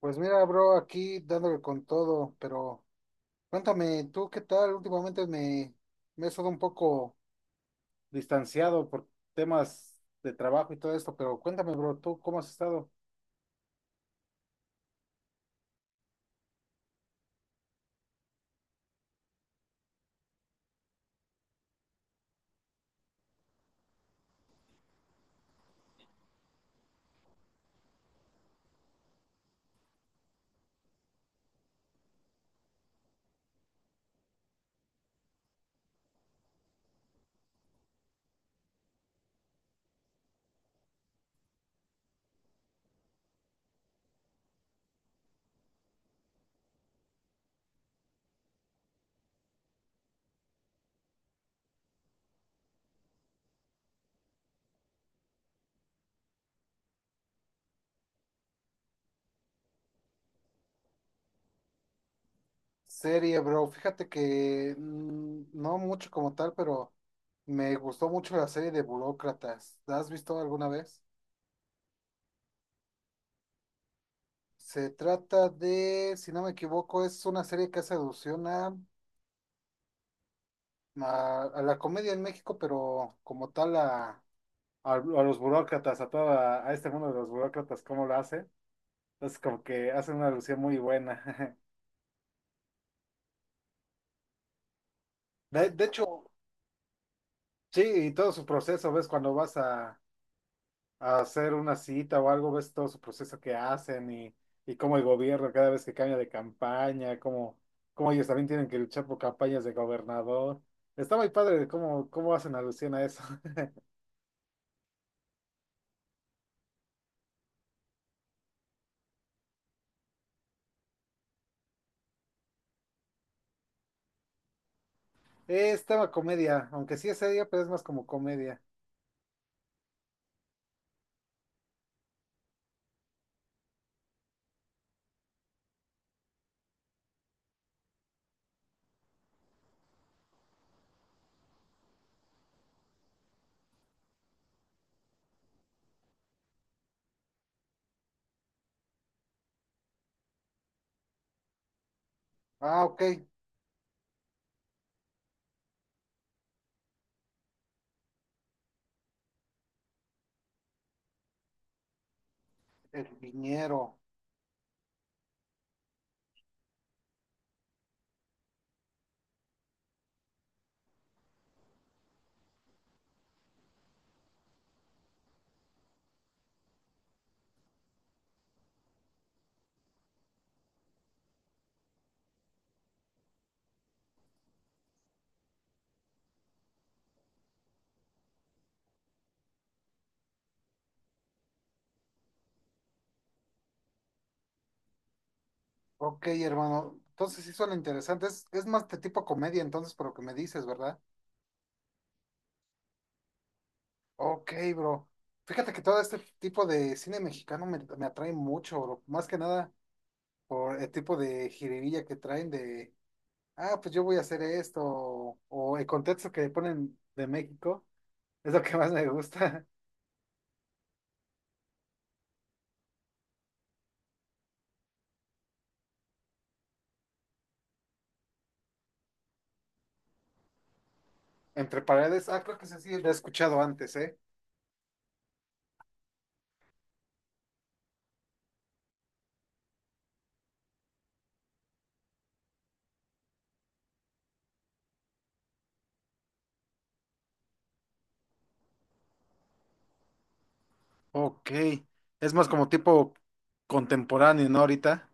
Pues mira, bro, aquí dándole con todo, pero cuéntame, ¿tú qué tal? Últimamente me he estado un poco distanciado por temas de trabajo y todo esto, pero cuéntame, bro, ¿tú cómo has estado? Serie, bro, fíjate que no mucho como tal, pero me gustó mucho la serie de Burócratas. ¿La has visto alguna vez? Se trata de, si no me equivoco, es una serie que hace alusión a la comedia en México, pero como tal a los burócratas, a este mundo de los burócratas, cómo lo hace. Entonces, como que hace una alusión muy buena. De hecho, sí, y todo su proceso, ves, cuando a hacer una cita o algo, ves todo su proceso que hacen y cómo el gobierno cada vez que cambia de campaña, cómo ellos también tienen que luchar por campañas de gobernador. Está muy padre de cómo hacen alusión a eso. Es tema comedia, aunque sí es seria, pero es más como comedia. Ah, ok, el viñero. Ok, hermano. Entonces sí suena interesante. Es más de tipo comedia, entonces, por lo que me dices, ¿verdad? Ok, bro. Fíjate que todo este tipo de cine mexicano me atrae mucho, bro. Más que nada por el tipo de jiribilla que traen de, ah, pues yo voy a hacer esto, o el contexto que ponen de México, es lo que más me gusta. Entre paredes, ah, creo que ese sí lo he escuchado antes, ¿eh? Ok, es más como tipo contemporáneo, ¿no? Ahorita,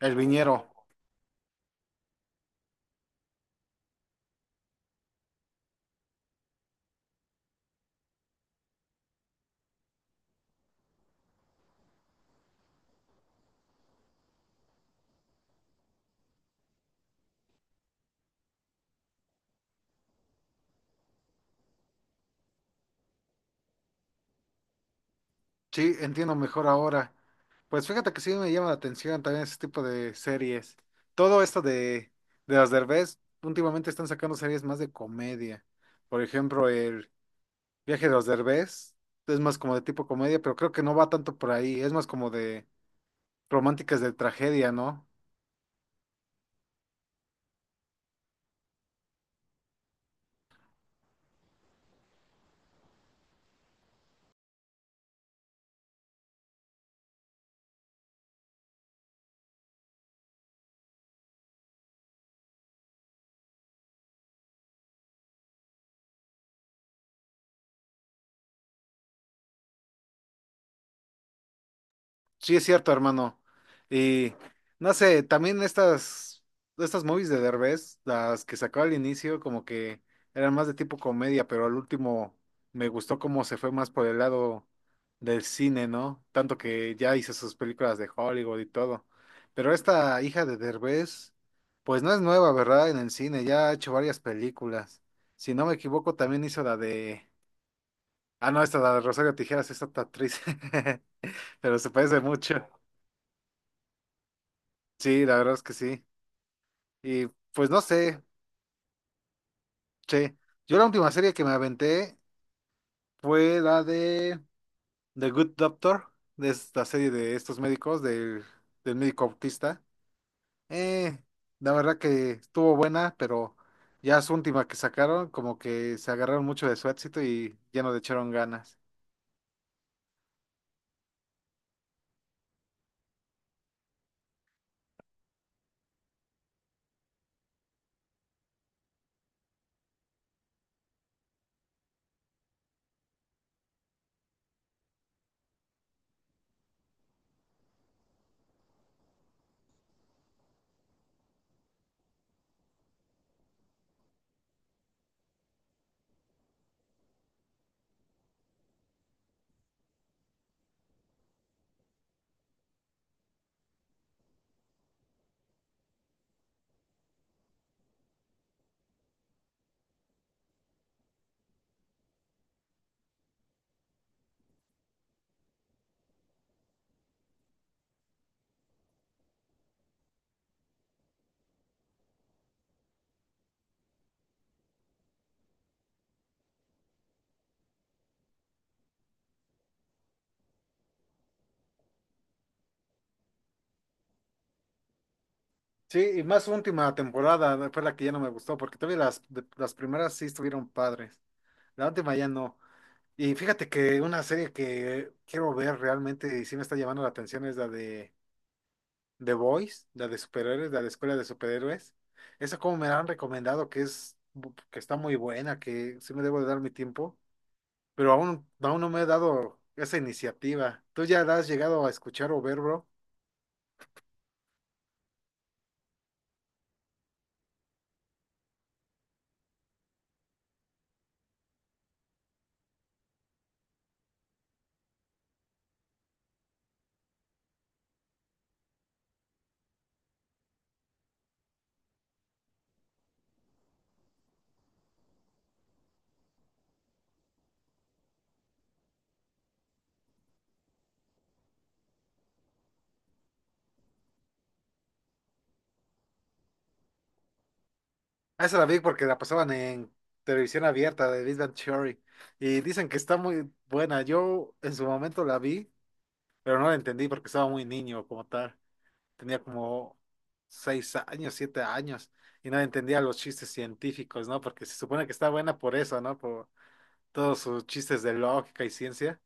el viñero. Sí, entiendo mejor ahora. Pues fíjate que sí me llama la atención también ese tipo de series. Todo esto de los Derbez, últimamente están sacando series más de comedia. Por ejemplo, el viaje de los Derbez es más como de tipo comedia, pero creo que no va tanto por ahí. Es más como de románticas de tragedia, ¿no? Sí, es cierto, hermano. Y no sé, también estas movies de Derbez, las que sacó al inicio, como que eran más de tipo comedia, pero al último me gustó cómo se fue más por el lado del cine, ¿no? Tanto que ya hizo sus películas de Hollywood y todo. Pero esta hija de Derbez, pues no es nueva, ¿verdad? En el cine, ya ha hecho varias películas. Si no me equivoco, también hizo la de... Ah, no, esta la de Rosario Tijeras, esta actriz, pero se parece mucho. Sí, la verdad es que sí. Y pues no sé, che. Yo la última serie que me aventé fue la de The Good Doctor, de esta serie de estos médicos, del médico autista. Eh, la verdad que estuvo buena, pero ya su última que sacaron, como que se agarraron mucho de su éxito y ya no le echaron ganas. Sí, y más su última temporada fue la que ya no me gustó, porque todavía las primeras sí estuvieron padres. La última ya no. Y fíjate que una serie que quiero ver realmente y sí me está llamando la atención es la de The Boys, la de superhéroes, la de Escuela de Superhéroes. Esa como me la han recomendado que que está muy buena, que sí me debo de dar mi tiempo, pero aún no me he dado esa iniciativa. ¿Tú ya la has llegado a escuchar o ver, bro? Ah, esa la vi porque la pasaban en televisión abierta de Big Bang Theory y dicen que está muy buena. Yo en su momento la vi, pero no la entendí porque estaba muy niño como tal. Tenía como 6 años, 7 años, y no entendía los chistes científicos, ¿no? Porque se supone que está buena por eso, ¿no? Por todos sus chistes de lógica y ciencia.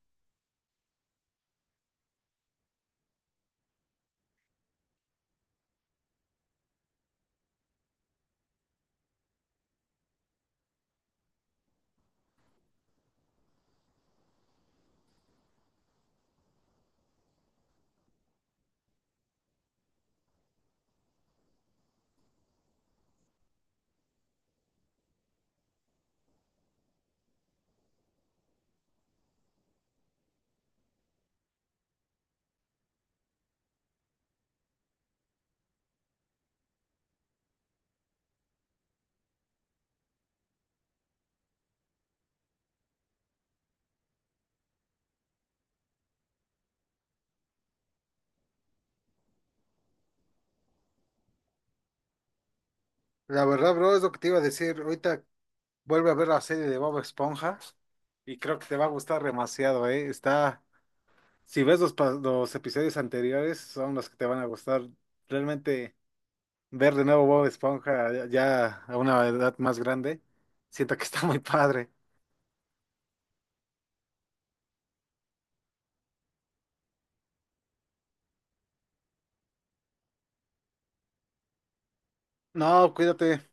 La verdad, bro, es lo que te iba a decir. Ahorita vuelve a ver la serie de Bob Esponja y creo que te va a gustar demasiado, ¿eh? Está, si ves los episodios anteriores, son los que te van a gustar. Realmente ver de nuevo Bob Esponja ya a una edad más grande, siento que está muy padre. No, cuídate.